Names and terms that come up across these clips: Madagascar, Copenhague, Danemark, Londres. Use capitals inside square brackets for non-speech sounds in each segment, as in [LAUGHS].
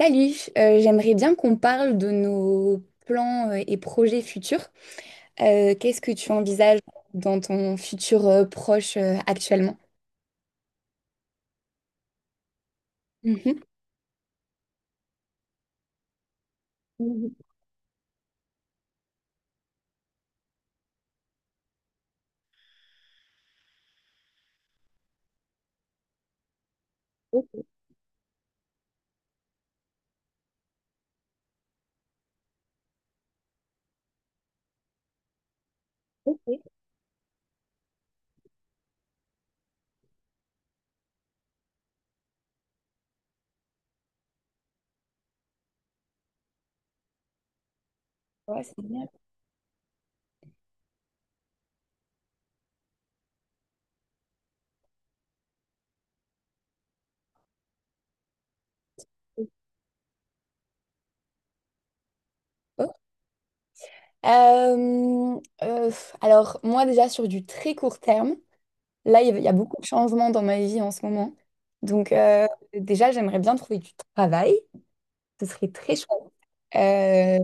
Salut, j'aimerais bien qu'on parle de nos plans et projets futurs. Qu'est-ce que tu envisages dans ton futur proche actuellement? Mhm. Mhm. Ok, ok. Ouais, c'est bien. Oh. Alors, moi déjà sur du très court terme, là, il y a beaucoup de changements dans ma vie en ce moment. Donc, déjà, j'aimerais bien trouver du travail. Ce serait très chouette. Euh,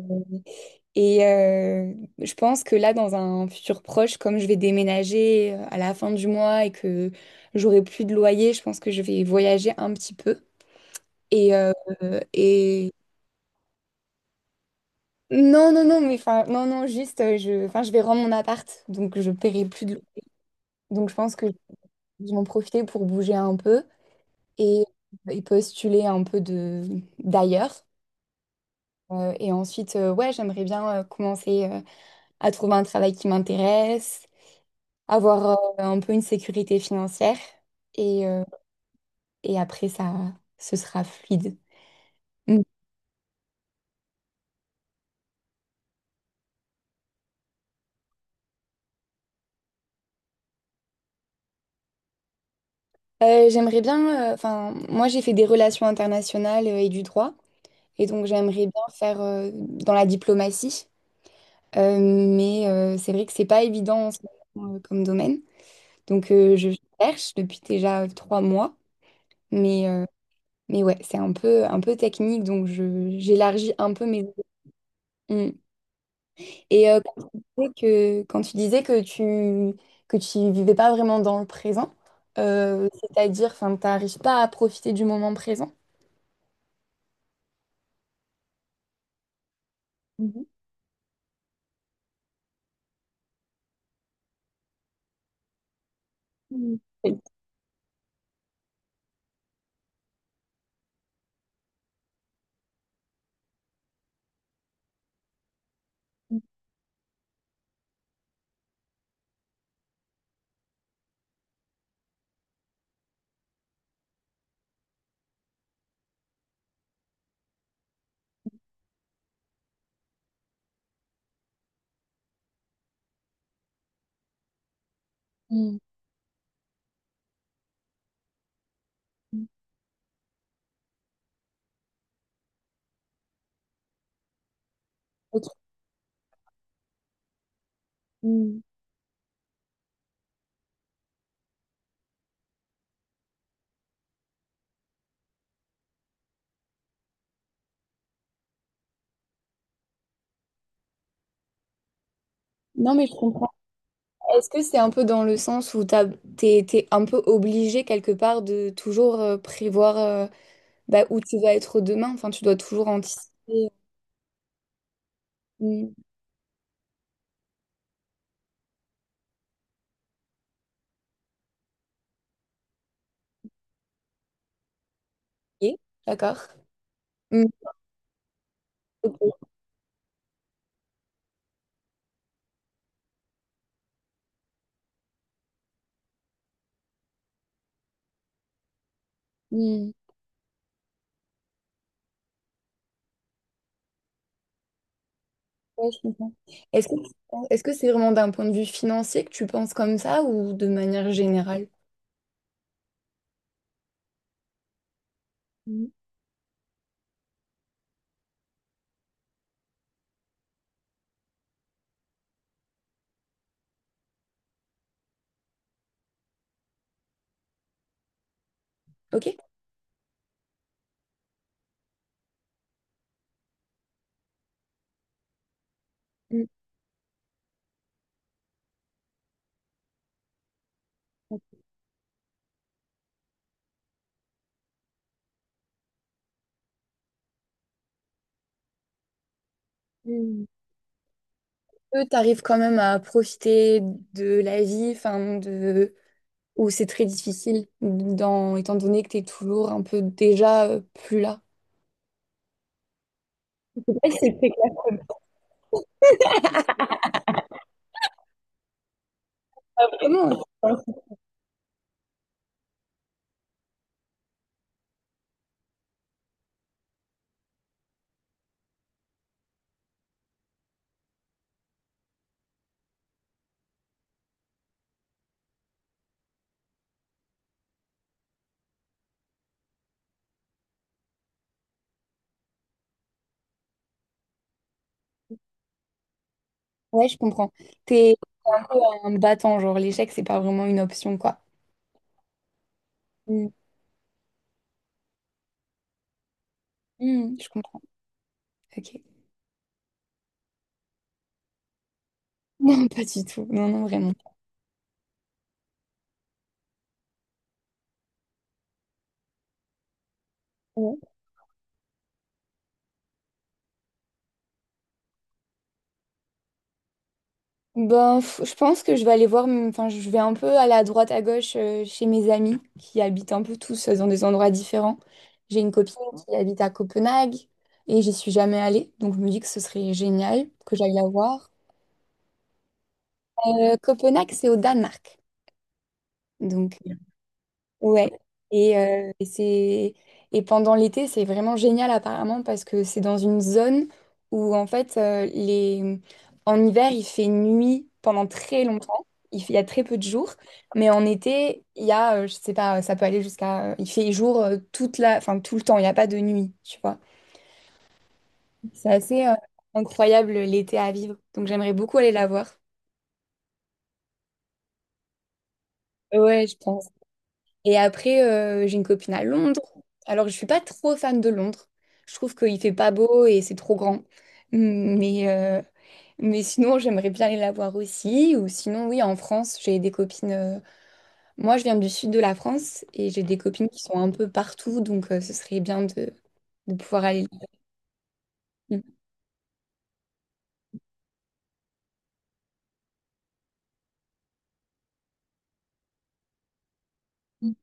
Et euh, je pense que là, dans un futur proche, comme je vais déménager à la fin du mois et que j'aurai plus de loyer, je pense que je vais voyager un petit peu. Et, euh, et... non, non, non, mais enfin, non, non, juste, je, enfin, je vais rendre mon appart, donc je paierai plus de loyer. Donc je pense que je vais en profiter pour bouger un peu et, et postuler un peu de d'ailleurs. Et ensuite, ouais, j'aimerais bien commencer à trouver un travail qui m'intéresse, avoir un peu une sécurité financière et, euh, et après ça ce sera fluide. Mm. J'aimerais bien, enfin moi j'ai fait des relations internationales et du droit et donc j'aimerais bien faire dans la diplomatie. C'est vrai que c'est pas évident en ce moment, comme domaine, donc je cherche depuis déjà trois mois, mais euh, mais ouais c'est un peu technique donc je j'élargis un peu mes... Mm. Et euh, Quand tu disais que, quand tu disais que tu vivais pas vraiment dans le présent, c'est-à-dire, enfin, t'arrives pas à profiter du moment présent. Mhm. Mhm. Mhm. Mhm. Non, mais je comprends. Est-ce que c'est un peu dans le sens où t'es, t'es un peu obligé quelque part de toujours prévoir, bah, où tu vas être demain? Enfin, tu dois toujours anticiper. Et- Mhm. Ok, d'accord. Mm, ok. Mmh. Ouais, je comprends. Est-ce que, est-ce que c'est vraiment d'un point de vue financier que tu penses comme ça ou de manière générale? Mm, ok. Mm, mm. Eux, t'arrives quand même à profiter de la vie, enfin de, où c'est très difficile, dans... étant donné que t'es toujours un peu déjà plus là. Je sais pas si c'est très clair. Comment? Hein. Ouais, je comprends. T'es T'es un peu un battant, genre l'échec, c'est pas vraiment une option, quoi. Mm. Mm, je comprends. Ok. [LAUGHS] Non, pas du tout. Non, non, vraiment. Ben, f- je pense que je vais aller voir, m- enfin, je vais un peu aller à droite à gauche chez mes amis qui habitent un peu tous dans des endroits différents. J'ai une copine qui habite à Copenhague et j'y suis jamais allée, donc je me dis que ce serait génial que j'aille la voir. Copenhague, c'est au Danemark, donc... Ouais, et, euh, et c'est et pendant l'été, c'est vraiment génial apparemment parce que c'est dans une zone où en fait en hiver, il fait nuit pendant très longtemps, il fait- il y a très peu de jours, mais en été, il y a je sais pas, ça peut aller jusqu'à il fait jour toute la enfin tout le temps, il n'y a pas de nuit, tu vois. C'est assez incroyable l'été à vivre. Donc j'aimerais beaucoup aller la voir. Ouais, je pense. Et après, j'ai une copine à Londres. Alors, je suis pas trop fan de Londres. Je trouve qu'il fait pas beau et c'est trop grand. Mmh, mais sinon, j'aimerais bien aller la voir aussi. Ou sinon, oui, en France, j'ai des copines. Moi, je viens du sud de la France et j'ai des copines qui sont un peu partout. Donc, ce serait bien de pouvoir aller. Là. Mhm.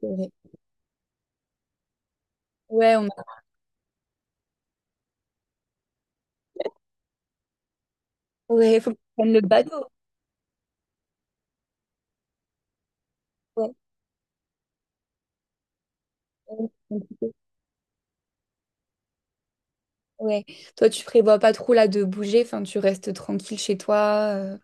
C'est vrai. Ouais, on... Ouais, faut prendre le bateau. Ouais. Ouais. Ouais. Toi, tu prévois pas trop là de bouger. Enfin, tu restes tranquille chez toi. Euh?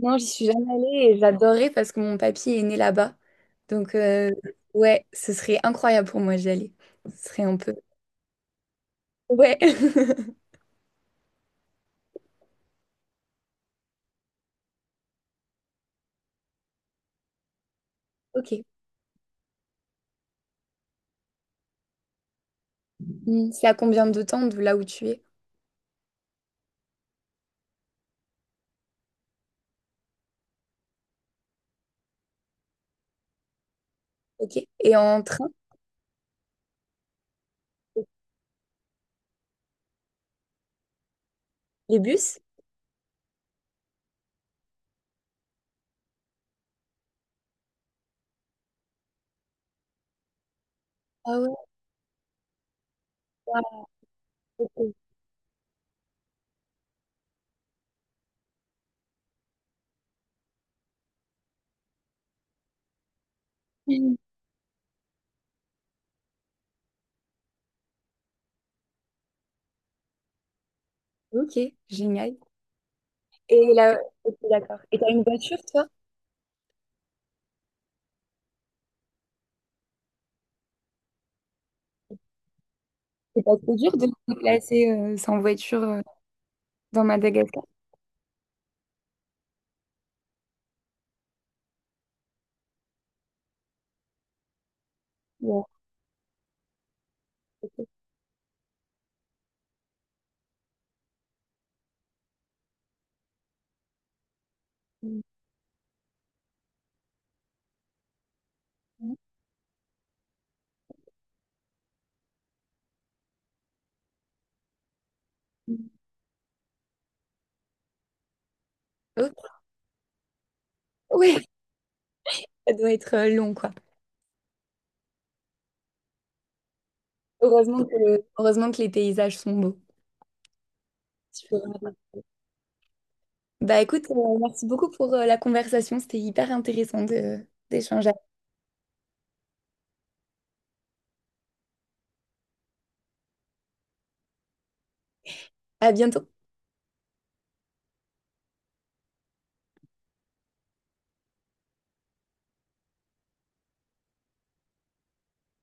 Non, j'y suis jamais allée et j'adorerais parce que mon papy est né là-bas. Donc, ouais, ce serait incroyable pour moi d'y aller. Ce serait un peu... Ouais. [LAUGHS] Ok. Hmm, c'est à combien de temps de là où tu es? Ok. Et en train, les bus? Ah ouais, waouh, ok, génial. Et là, ok, d'accord. Et toi, c'est pas trop dur de te déplacer sans voiture, dans Madagascar? Ouais. Hmm. Ok. Ouais, [LAUGHS] ça doit être long, quoi. Heureusement que, heureusement que les paysages sont beaux. Bah écoute, merci beaucoup pour la conversation. C'était hyper intéressant de d'échanger. À bientôt.